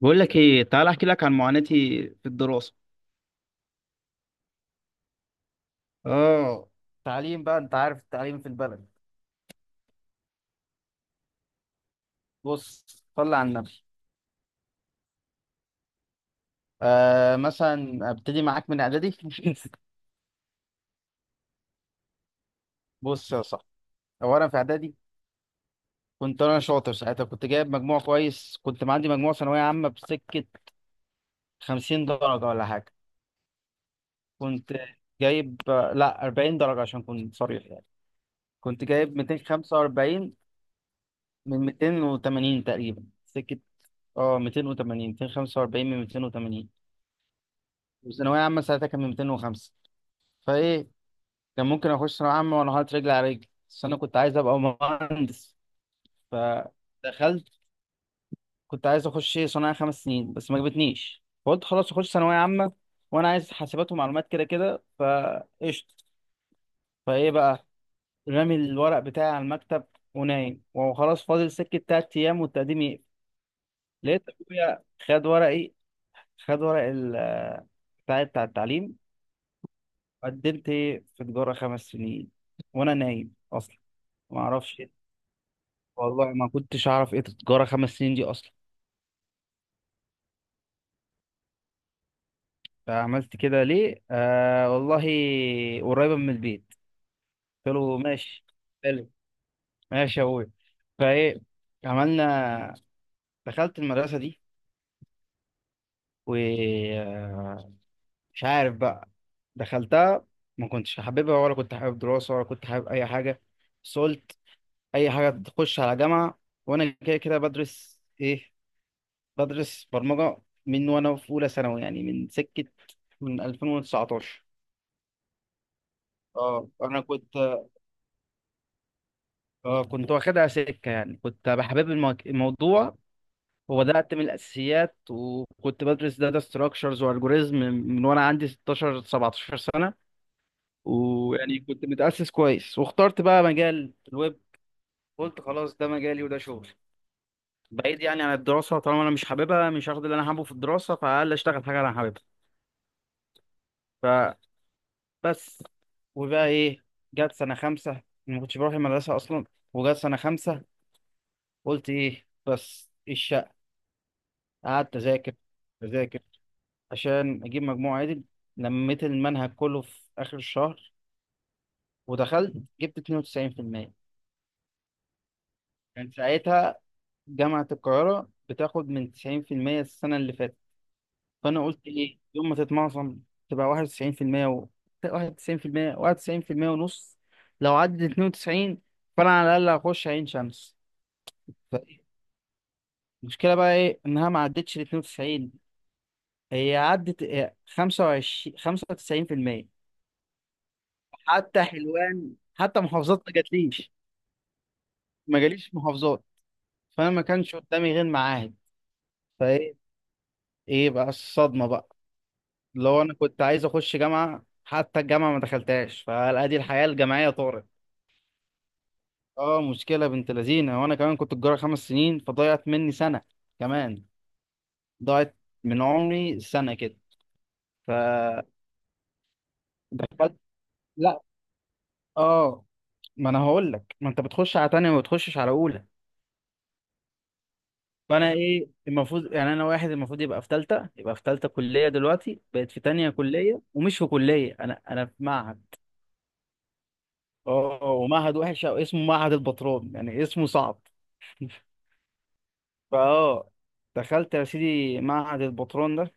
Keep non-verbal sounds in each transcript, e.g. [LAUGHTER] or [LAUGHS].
بقول لك ايه، تعال احكي لك عن معاناتي في الدراسه. اه، تعليم بقى، انت عارف التعليم في البلد. بص، صلي على النبي. مثلا ابتدي معاك من اعدادي. [LAUGHS] بص يا صاحبي، اولا في اعدادي كنت انا شاطر، ساعتها كنت جايب مجموع كويس، كنت معدي مجموع ثانويه عامه بسكه 50 درجة درجه ولا حاجه. كنت جايب آه، لا 40 درجة درجه، عشان كنت صريح يعني. كنت جايب 245 من 280 تقريبا سكه. اه، 280، 245 من 280. وثانوية عامة ساعتها كان 205. فإيه، كان ممكن أخش ثانوية عامة وأنا حاطط رجلي على رجلي، بس أنا كنت عايز أبقى مهندس. فدخلت، كنت عايز أخش صناعة خمس سنين بس ما جابتنيش، فقلت خلاص أخش ثانوية عامة، وأنا عايز حاسبات ومعلومات كده كده فقشطة. فإيه بقى، رامي الورق بتاعي على المكتب ونايم وخلاص، فاضل سكة تلات أيام والتقديم يقفل. لقيت أبويا خد ورقي، خد ورق بتاعي بتاع التعليم، قدمت في تجارة خمس سنين وأنا نايم أصلا. ما أعرفش إيه. والله ما كنتش أعرف إيه تجارة خمس سنين دي أصلا. فعملت كده ليه؟ والله، قريبة من البيت. قلت له ماشي، حلو، ماشي يا أبوي. فإيه، عملنا، دخلت المدرسة دي ومش عارف بقى، دخلتها ما كنتش حاببها، ولا كنت حابب دراسة، ولا كنت حابب أي حاجة. بس قلت أي حاجة تخش على جامعة، وأنا كده كده بدرس إيه، بدرس برمجة من وأنا في أولى ثانوي، يعني من سكة، من 2019. اه أنا كنت، اه كنت واخدها سكة يعني، كنت بحبب الموضوع، وبدأت من الأساسيات، وكنت بدرس داتا ستراكشرز والجوريزم من وأنا عندي 16 17 سنة. ويعني كنت متأسس كويس، واخترت بقى مجال الويب، قلت خلاص ده مجالي وده شغلي. بعيد يعني عن الدراسة، طالما أنا مش حاببها، مش هاخد اللي أنا حابه في الدراسة، فعلى الأقل أشتغل حاجة أنا حاببها. بس، وبقى ايه، جت سنة خمسة ما كنتش بروح المدرسة أصلا. وجت سنة خمسة قلت ايه بس الشقة. قعدت أذاكر أذاكر عشان أجيب مجموع عادل. لميت المنهج كله في آخر الشهر، ودخلت جبت 92%. كان ساعتها جامعة القاهرة بتاخد من 90% السنة اللي فاتت. فأنا قلت ايه يوم ما تتمعصم، تبقى 91%، و 91% 91% ونص، لو عدت 92، فأنا على الأقل هخش عين شمس. المشكلة بقى ايه، انها ما عدتش ال 92، هي عدت هي 25، 95%. حتى حلوان، حتى محافظات ما جاتليش، ما جاليش محافظات. فانا ما كانش قدامي غير معاهد. فايه، ايه بقى الصدمة بقى؟ لو انا كنت عايز اخش جامعة، حتى الجامعة ما دخلتهاش، فادي الحياة الجامعية طارت. اه، مشكلة بنت لذينة. وانا كمان كنت الجارة خمس سنين، فضيعت مني سنة كمان، ضاعت من عمري سنة كده. فدخلت، لا اه، ما انا هقول لك، ما انت بتخش على تانية وما بتخشش على اولى. فانا ايه، المفروض يعني انا واحد المفروض يبقى في تالتة، يبقى في تالتة كلية، دلوقتي بقت في تانية كلية، ومش في كلية، انا في معهد. اه، ومعهد وحش، او اسمه معهد البطرون يعني، اسمه صعب. فاه دخلت يا سيدي معهد البطرون ده.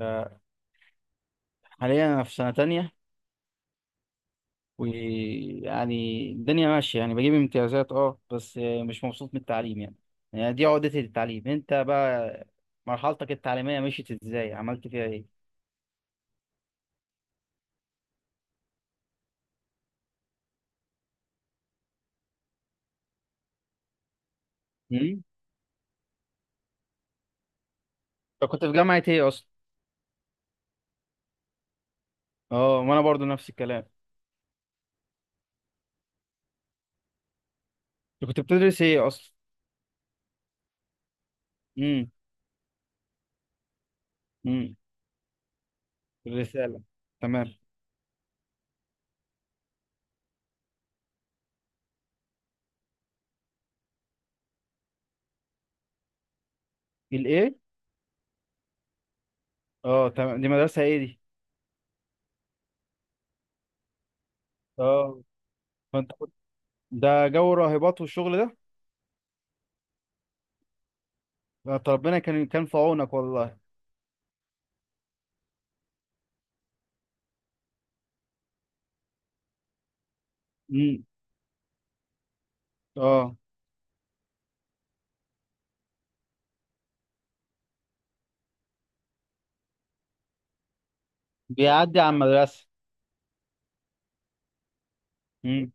آه، حاليا انا في سنة تانية، ويعني الدنيا ماشية يعني، بجيب امتيازات اه، بس مش مبسوط من التعليم يعني. يعني دي عقدتي للتعليم. انت بقى مرحلتك التعليمية مشيت ازاي، عملت فيها ايه؟ امم، انت كنت في جامعة ايه اصلا؟ اه، وانا برضو نفس الكلام. انت كنت بتدرس ايه اصلا؟ امم. امم. الرسالة. تمام. الايه؟ اه، تمام، دي مدرسة ايه دي؟ اه، فانت كنت، ده جو راهبات والشغل ده. ده أنت ربنا كان في عونك والله. امم. اه، بيعدي على المدرسة. امم.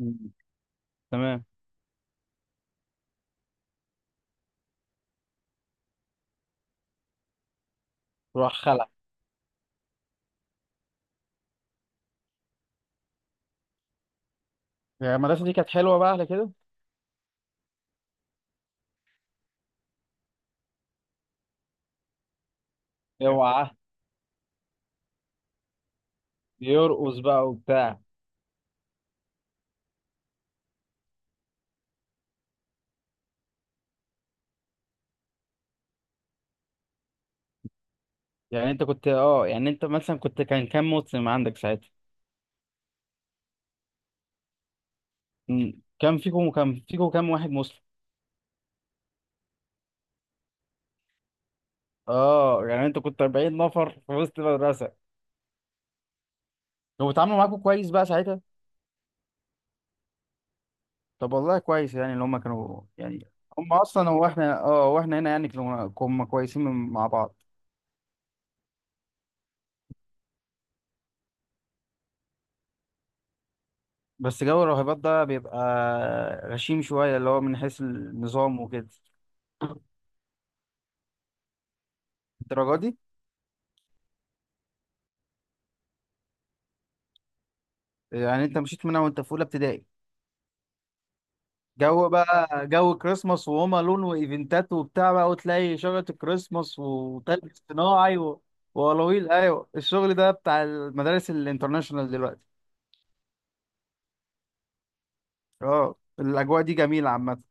أمم. تمام. روح خلع. يعني المدرسة دي كانت حلوة بقى على كده. اوعى. بيرقص بقى وبتاع. يعني انت كنت اه، يعني انت مثلا كنت، كان كام مسلم عندك ساعتها؟ مم. كان فيكم كام واحد مسلم؟ اه، يعني انت كنت 40 نفر في وسط المدرسة. كانوا بيتعاملوا معاكم كويس بقى ساعتها؟ طب والله كويس، يعني اللي هم كانوا يعني، هم اصلا، هو احنا اه، واحنا هنا يعني كنا كويسين مع بعض. بس جو الراهبات ده بيبقى غشيم شوية، اللي هو من حيث النظام وكده، الدرجة دي. يعني انت مشيت منها وانت في اولى ابتدائي؟ جو بقى، جو كريسماس وهوم الون وايفنتات وبتاع بقى، وتلاقي شجره الكريسماس وتلج صناعي وألاويل، ايوه الشغل ده بتاع المدارس الانترناشونال دلوقتي. اه الاجواء دي جميله عامه.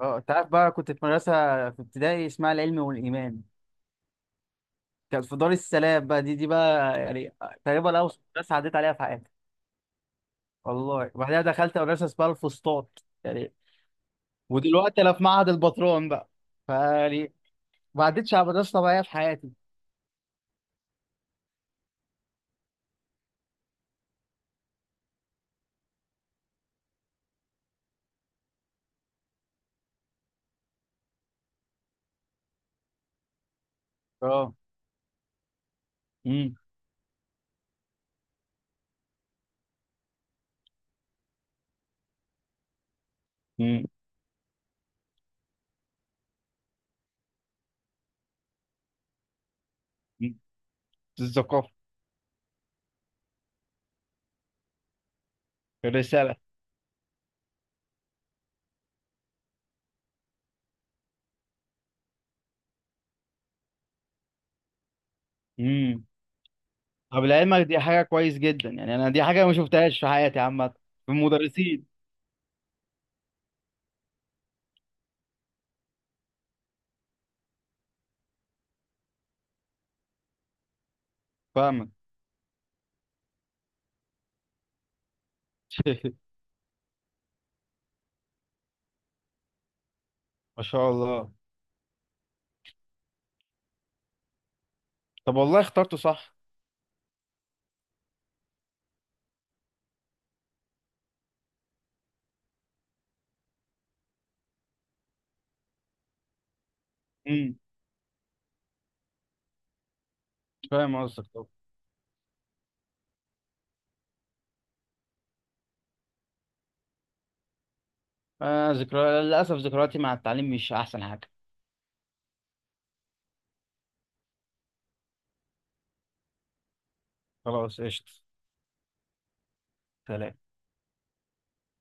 اه، انت عارف بقى، كنت في مدرسه في ابتدائي اسمها العلم والايمان، كانت في دار السلام بقى. دي بقى يعني تقريبا اوسط مدرسه عديت عليها في حياتي. والله، وبعدها دخلت مدرسه اسمها الفسطاط يعني، ودلوقتي انا في معهد البطرون بقى. ف، بعدتش عبدالس طبعية في حياتي. اه. اه. اه. الزقافة. الرسالة. اه. اه. بالعلم دي حاجة كويس جدا. يعني انا دي حاجة مش مفتحش في حياتي عامة. في المدرسين. فاهمت. [LAUGHS] ما شاء الله. طب والله اخترته صح. اه. كيف حاجة تكتب. اه، زكراتي للأسف، زكراتي مع التعليم مش احسن حاجة. خلاص اشتف.